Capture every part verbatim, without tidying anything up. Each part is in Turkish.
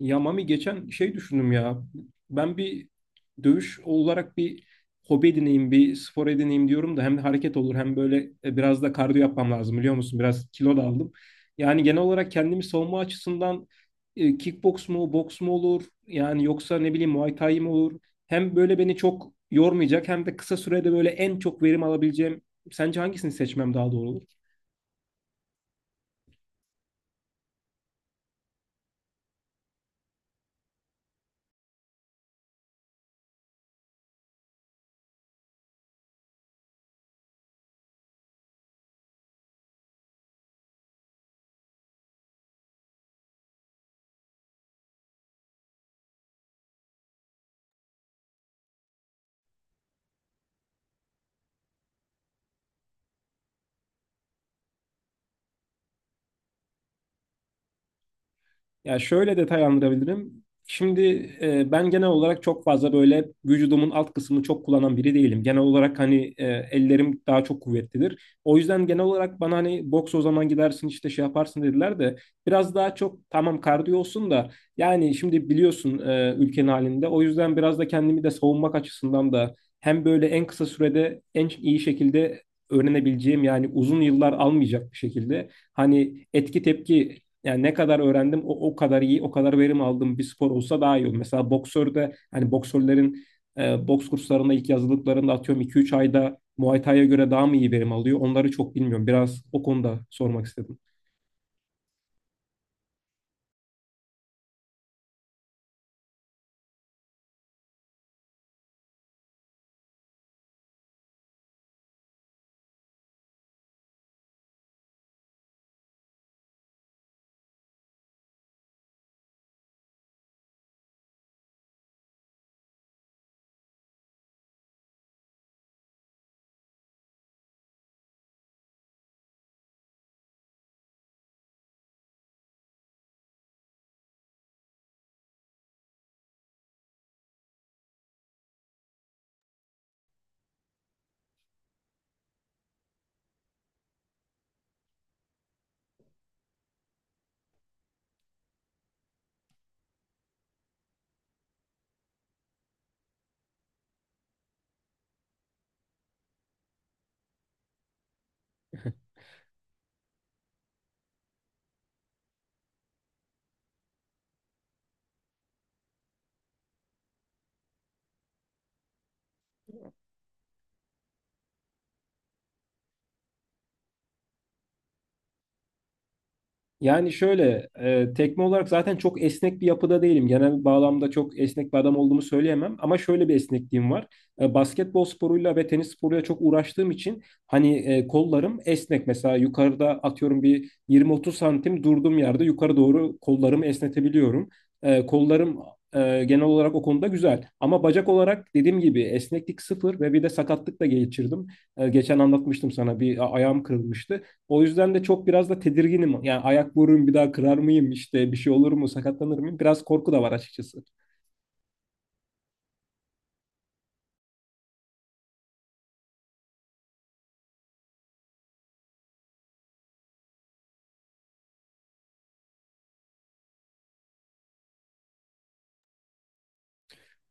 Ya Mami geçen şey düşündüm ya. Ben bir dövüş olarak bir hobi edineyim, bir spor edineyim diyorum da hem de hareket olur hem böyle e, biraz da kardiyo yapmam lazım biliyor musun? Biraz kilo da aldım. Yani genel olarak kendimi savunma açısından e, kickbox mu, boks mu olur? Yani yoksa ne bileyim Muay Thai mi olur? Hem böyle beni çok yormayacak hem de kısa sürede böyle en çok verim alabileceğim. Sence hangisini seçmem daha doğru olur? Ya şöyle detaylandırabilirim. Şimdi e, ben genel olarak çok fazla böyle vücudumun alt kısmını çok kullanan biri değilim. Genel olarak hani e, ellerim daha çok kuvvetlidir. O yüzden genel olarak bana hani boks o zaman gidersin işte şey yaparsın dediler de biraz daha çok tamam kardiyo olsun da yani şimdi biliyorsun e, ülkenin halinde. O yüzden biraz da kendimi de savunmak açısından da hem böyle en kısa sürede en iyi şekilde öğrenebileceğim yani uzun yıllar almayacak bir şekilde hani etki tepki yani ne kadar öğrendim o, o kadar iyi, o kadar verim aldığım bir spor olsa daha iyi olur. Mesela boksörde hani boksörlerin e, boks kurslarında ilk yazılıklarında atıyorum iki üç ayda Muay Thai'ye göre daha mı iyi verim alıyor? Onları çok bilmiyorum. Biraz o konuda sormak istedim. Yani şöyle, e, tekme olarak zaten çok esnek bir yapıda değilim. Genel bağlamda çok esnek bir adam olduğumu söyleyemem. Ama şöyle bir esnekliğim var. E, basketbol sporuyla ve tenis sporuyla çok uğraştığım için hani e, kollarım esnek. Mesela yukarıda atıyorum bir yirmi otuz santim durduğum yerde yukarı doğru kollarımı esnetebiliyorum. E, kollarım e, genel olarak o konuda güzel. Ama bacak olarak dediğim gibi esneklik sıfır ve bir de sakatlık da geçirdim. E, geçen anlatmıştım sana bir a- ayağım kırılmıştı. O yüzden de çok biraz da tedirginim. Yani ayak vururum bir daha kırar mıyım işte bir şey olur mu sakatlanır mıyım? Biraz korku da var açıkçası.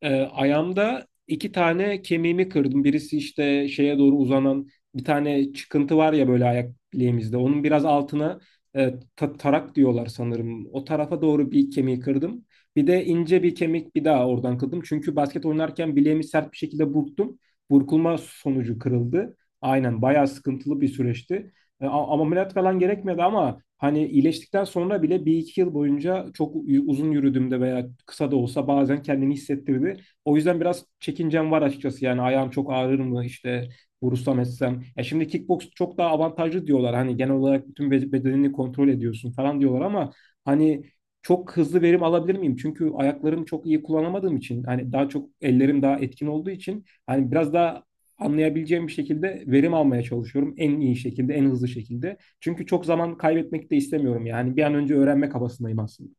Ee, ayağımda iki tane kemiğimi kırdım. Birisi işte şeye doğru uzanan bir tane çıkıntı var ya böyle ayak bileğimizde. Onun biraz altına e, ta- tarak diyorlar sanırım. O tarafa doğru bir kemiği kırdım. Bir de ince bir kemik bir daha oradan kırdım. Çünkü basket oynarken bileğimi sert bir şekilde burktum. Burkulma sonucu kırıldı. Aynen bayağı sıkıntılı bir süreçti. E, a- ameliyat falan gerekmedi ama hani iyileştikten sonra bile bir iki yıl boyunca çok u- uzun yürüdüğümde veya kısa da olsa bazen kendini hissettirdi. O yüzden biraz çekincem var açıkçası yani ayağım çok ağrır mı işte vurursam etsem. Ya şimdi kickbox çok daha avantajlı diyorlar hani genel olarak bütün be- bedenini kontrol ediyorsun falan diyorlar ama hani çok hızlı verim alabilir miyim? Çünkü ayaklarımı çok iyi kullanamadığım için hani daha çok ellerim daha etkin olduğu için hani biraz daha anlayabileceğim bir şekilde verim almaya çalışıyorum. En iyi şekilde, en hızlı şekilde. Çünkü çok zaman kaybetmek de istemiyorum yani. Bir an önce öğrenmek kabasındayım aslında.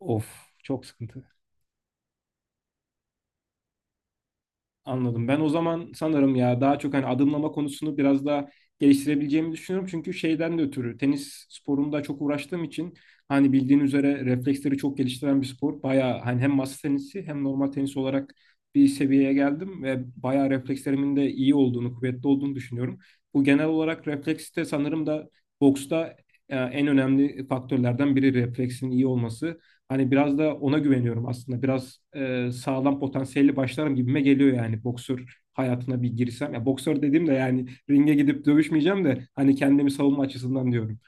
Of, çok sıkıntı. Anladım. Ben o zaman sanırım ya daha çok hani adımlama konusunu biraz daha geliştirebileceğimi düşünüyorum. Çünkü şeyden de ötürü tenis sporunda çok uğraştığım için hani bildiğin üzere refleksleri çok geliştiren bir spor. Bayağı hani hem masa tenisi hem normal tenis olarak bir seviyeye geldim ve bayağı reflekslerimin de iyi olduğunu, kuvvetli olduğunu düşünüyorum. Bu genel olarak refleks de sanırım da boksta e, en önemli faktörlerden biri refleksin iyi olması. Hani biraz da ona güveniyorum aslında. Biraz e, sağlam potansiyelli başlarım gibime geliyor yani boksör hayatına bir girsem. Ya boksör dediğim de yani ringe gidip dövüşmeyeceğim de hani kendimi savunma açısından diyorum.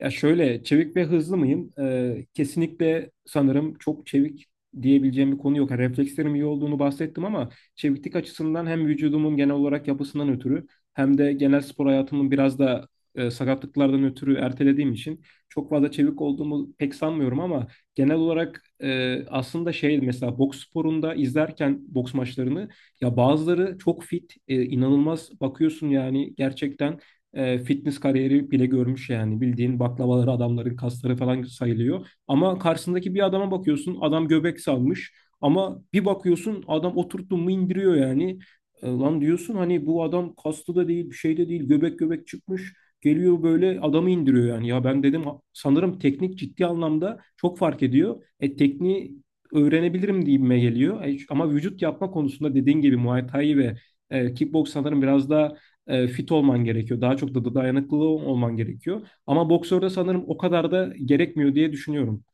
Ya şöyle çevik ve hızlı mıyım? Ee, kesinlikle sanırım çok çevik diyebileceğim bir konu yok. Yani reflekslerim iyi olduğunu bahsettim ama çeviklik açısından hem vücudumun genel olarak yapısından ötürü hem de genel spor hayatımın biraz da e, sakatlıklardan ötürü ertelediğim için çok fazla çevik olduğumu pek sanmıyorum ama genel olarak e, aslında şey mesela boks sporunda izlerken boks maçlarını ya bazıları çok fit, e, inanılmaz bakıyorsun yani gerçekten e, fitness kariyeri bile görmüş yani. Bildiğin baklavaları adamların kasları falan sayılıyor. Ama karşısındaki bir adama bakıyorsun adam göbek salmış. Ama bir bakıyorsun adam oturttun mu indiriyor yani. E, lan diyorsun hani bu adam kaslı da değil bir şey de değil göbek göbek çıkmış. Geliyor böyle adamı indiriyor yani. Ya ben dedim sanırım teknik ciddi anlamda çok fark ediyor. E tekniği öğrenebilirim gibime geliyor. E, ama vücut yapma konusunda dediğin gibi Muay Thai ve e, kickbox sanırım biraz daha e, fit olman gerekiyor. Daha çok da dayanıklı olman gerekiyor. Ama boksörde sanırım o kadar da gerekmiyor diye düşünüyorum.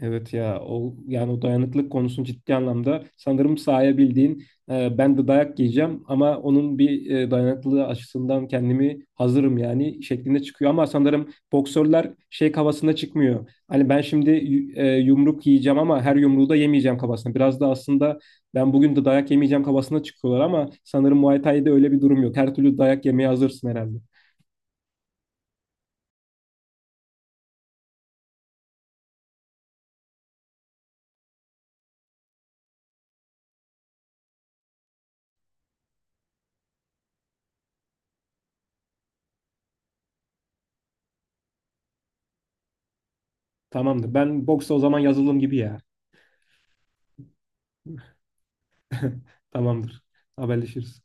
Evet ya o yani o dayanıklılık konusunu ciddi anlamda sanırım sahaya e, ben de dayak yiyeceğim ama onun bir e, dayanıklılığı açısından kendimi hazırım yani şeklinde çıkıyor ama sanırım boksörler şey kafasına çıkmıyor. Hani ben şimdi yu- e, yumruk yiyeceğim ama her yumruğu da yemeyeceğim kafasına. Biraz da aslında ben bugün de dayak yemeyeceğim kafasına çıkıyorlar ama sanırım Muay Thai'de öyle bir durum yok. Her türlü dayak yemeye hazırsın herhalde. Tamamdır. Ben boksa o zaman yazılım gibi ya. Tamamdır. Haberleşiriz.